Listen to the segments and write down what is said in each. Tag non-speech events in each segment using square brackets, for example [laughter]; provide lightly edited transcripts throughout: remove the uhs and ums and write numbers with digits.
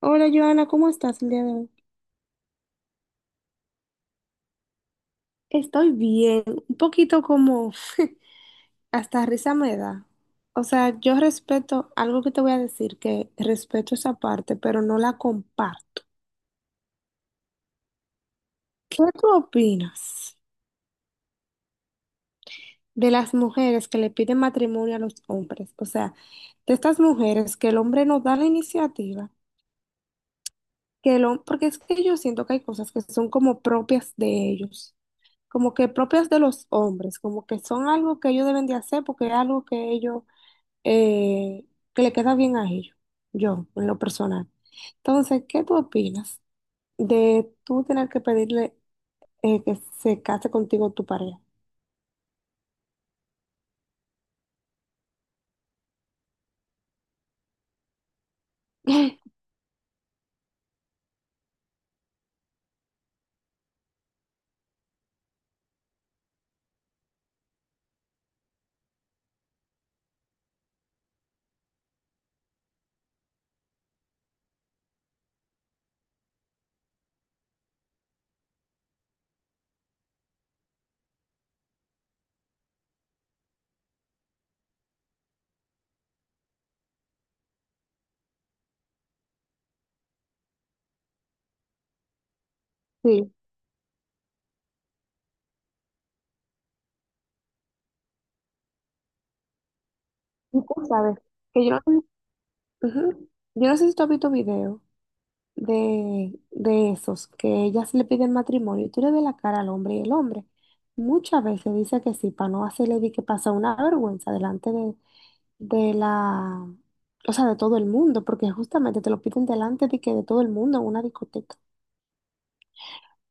Hola Joana, ¿cómo estás el día de hoy? Estoy bien, un poquito como [laughs] hasta risa me da. O sea, yo respeto algo que te voy a decir, que respeto esa parte, pero no la comparto. ¿Qué tú opinas de las mujeres que le piden matrimonio a los hombres? O sea, de estas mujeres que el hombre no da la iniciativa, porque es que yo siento que hay cosas que son como propias de ellos, como que propias de los hombres, como que son algo que ellos deben de hacer porque es algo que ellos, eh, que le queda bien a ellos, yo, en lo personal. Entonces, ¿qué tú opinas de tú tener que pedirle que se case contigo tu pareja? Sí, y tú sabes que yo no. Ujú. Yo no sé si tú has visto videos de esos que ellas le piden matrimonio y tú le ves la cara al hombre y el hombre muchas veces dice que sí para no hacerle di que pasa una vergüenza delante de la, o sea, de todo el mundo, porque justamente te lo piden delante de que de todo el mundo en una discoteca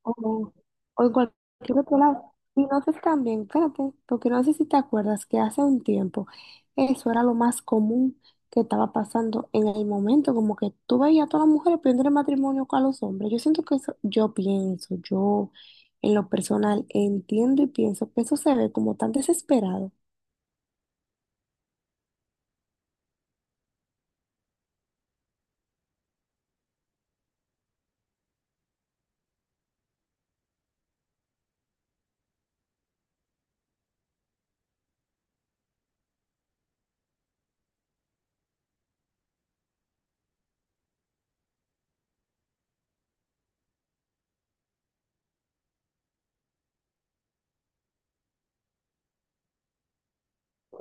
o, o en cualquier otro lado. Y no sé si también, espérate, porque no sé si te acuerdas que hace un tiempo eso era lo más común que estaba pasando en el momento, como que tú veías a todas las mujeres pidiendo matrimonio con los hombres. Yo siento que eso, yo pienso, yo en lo personal entiendo y pienso que eso se ve como tan desesperado,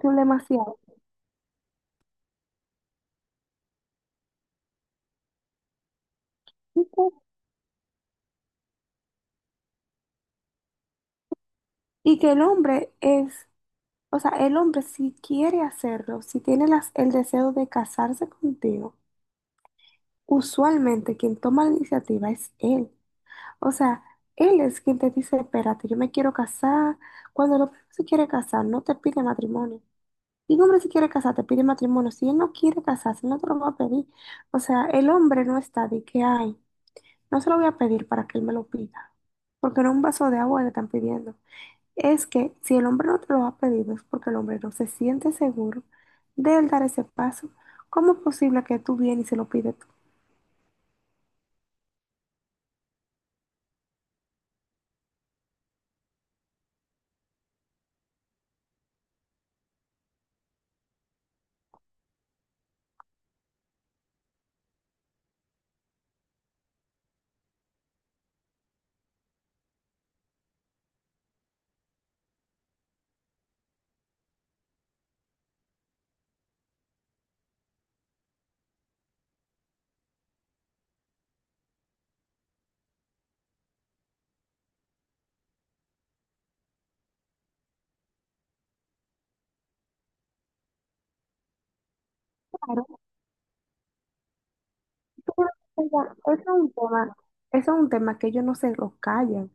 son demasiado. Y que y que el hombre es. O sea, el hombre si quiere hacerlo, si tiene el deseo de casarse contigo, usualmente quien toma la iniciativa es él. O sea, él es quien te dice, espérate, yo me quiero casar. Cuando el hombre se quiere casar, no te pide matrimonio. Y un hombre si quiere casar, te pide matrimonio. Si él no quiere casarse, no te lo va a pedir. O sea, el hombre no está de que hay. No se lo voy a pedir para que él me lo pida. Porque no un vaso de agua le están pidiendo, es que si el hombre no te lo ha pedido es porque el hombre no se siente seguro de él dar ese paso. ¿Cómo es posible que tú vienes y se lo pides tú? Claro, pero eso es un tema, eso es un tema que ellos no se lo callan.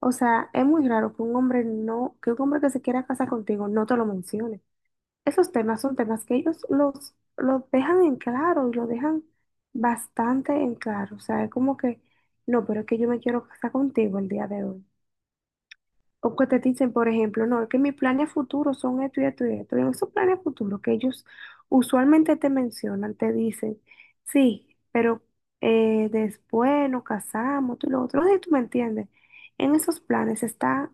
O sea, es muy raro que un hombre no, que un hombre que se quiera casar contigo no te lo mencione. Esos temas son temas que ellos los dejan en claro y lo dejan bastante en claro. O sea, es como que, no, pero es que yo me quiero casar contigo el día de hoy. O que te dicen, por ejemplo, no, es que mis planes futuros son esto y esto y esto. Y en esos planes futuros que ellos usualmente te mencionan, te dicen, sí, pero después nos casamos, tú y lo otro. No sé si tú me entiendes. En esos planes está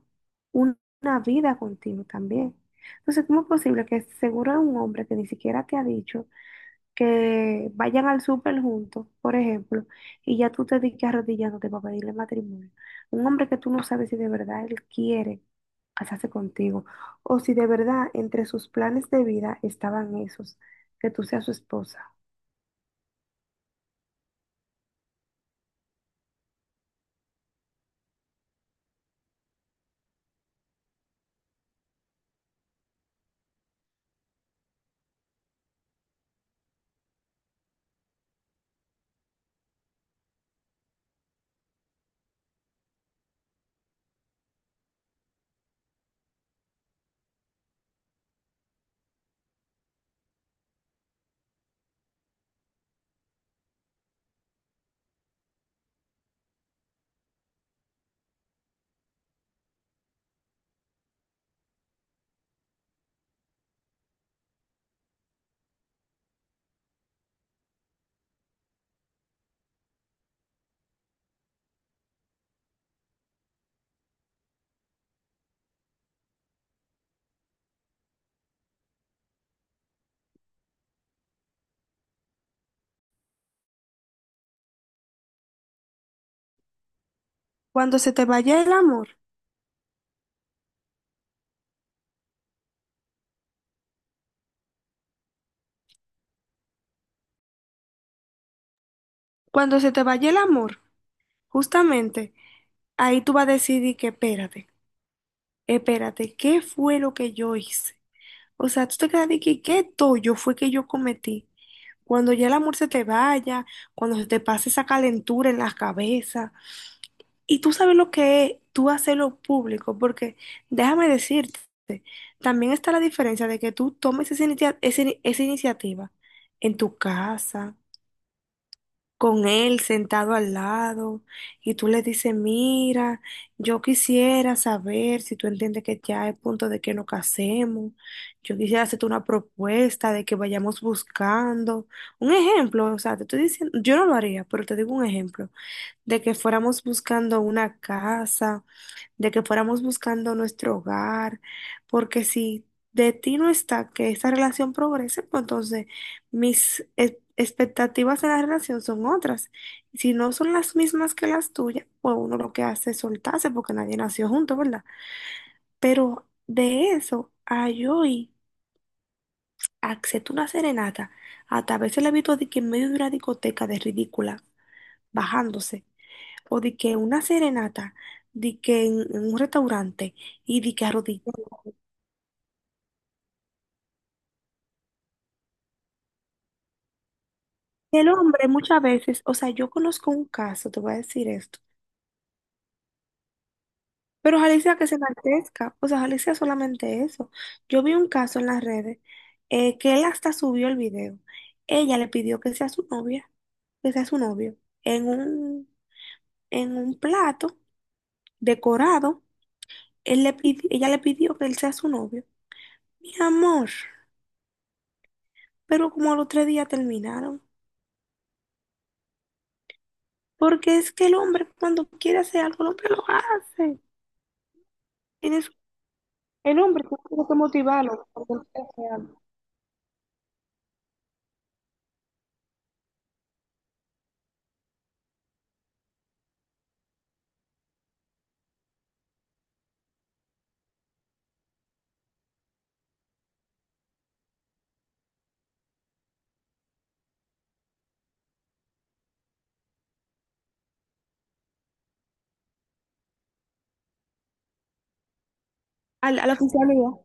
una vida contigo también. Entonces, ¿cómo es posible que seguro es un hombre que ni siquiera te ha dicho que vayan al súper juntos, por ejemplo, y ya tú te digas arrodillándote para pedirle matrimonio? Un hombre que tú no sabes si de verdad él quiere hacerse contigo, o si de verdad entre sus planes de vida estaban esos, que tú seas su esposa. Cuando se te vaya el amor, cuando se te vaya el amor, justamente ahí tú vas a decidir que espérate, espérate, ¿qué fue lo que yo hice? O sea, tú te quedas de que qué yo fue que yo cometí. Cuando ya el amor se te vaya, cuando se te pase esa calentura en la cabeza, y tú sabes lo que es tú hacerlo público, porque déjame decirte, también está la diferencia de que tú tomes esa, esa iniciativa en tu casa, con él sentado al lado, y tú le dices, mira, yo quisiera saber si tú entiendes que ya es punto de que nos casemos, yo quisiera hacerte una propuesta de que vayamos buscando. Un ejemplo, o sea, te estoy diciendo, yo no lo haría, pero te digo un ejemplo, de que fuéramos buscando una casa, de que fuéramos buscando nuestro hogar, porque si de ti no está que esa relación progrese, pues entonces mis expectativas de la relación son otras. Y si no son las mismas que las tuyas, pues uno lo que hace es soltarse porque nadie nació junto, ¿verdad? Pero de eso a yo ir a hacerte una serenata, hasta a veces la he visto de que en medio de una discoteca de ridícula, bajándose, o de que una serenata, de que en un restaurante y de que arrodillada. El hombre muchas veces, o sea, yo conozco un caso, te voy a decir esto, pero ojalá y sea que se enaltezca, o sea, ojalá y sea solamente eso. Yo vi un caso en las redes, que él hasta subió el video. Ella le pidió que sea su novia, que sea su novio, en un, en un, plato decorado, Ella le pidió que él sea su novio. Mi amor, pero como a los 3 días terminaron, porque es que el hombre cuando quiere hacer algo, el hombre lo hace. El hombre tiene que motivarlo a la oficialidad.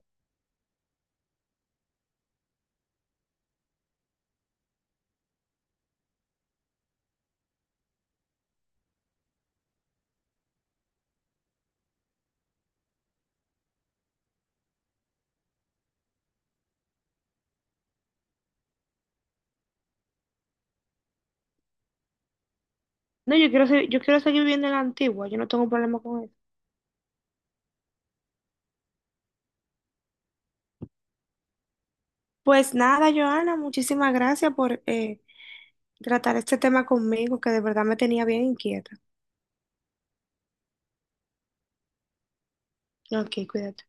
No, yo quiero seguir viviendo en la antigua, yo no tengo problema con eso. Pues nada, Joana, muchísimas gracias por tratar este tema conmigo, que de verdad me tenía bien inquieta. Ok, cuídate.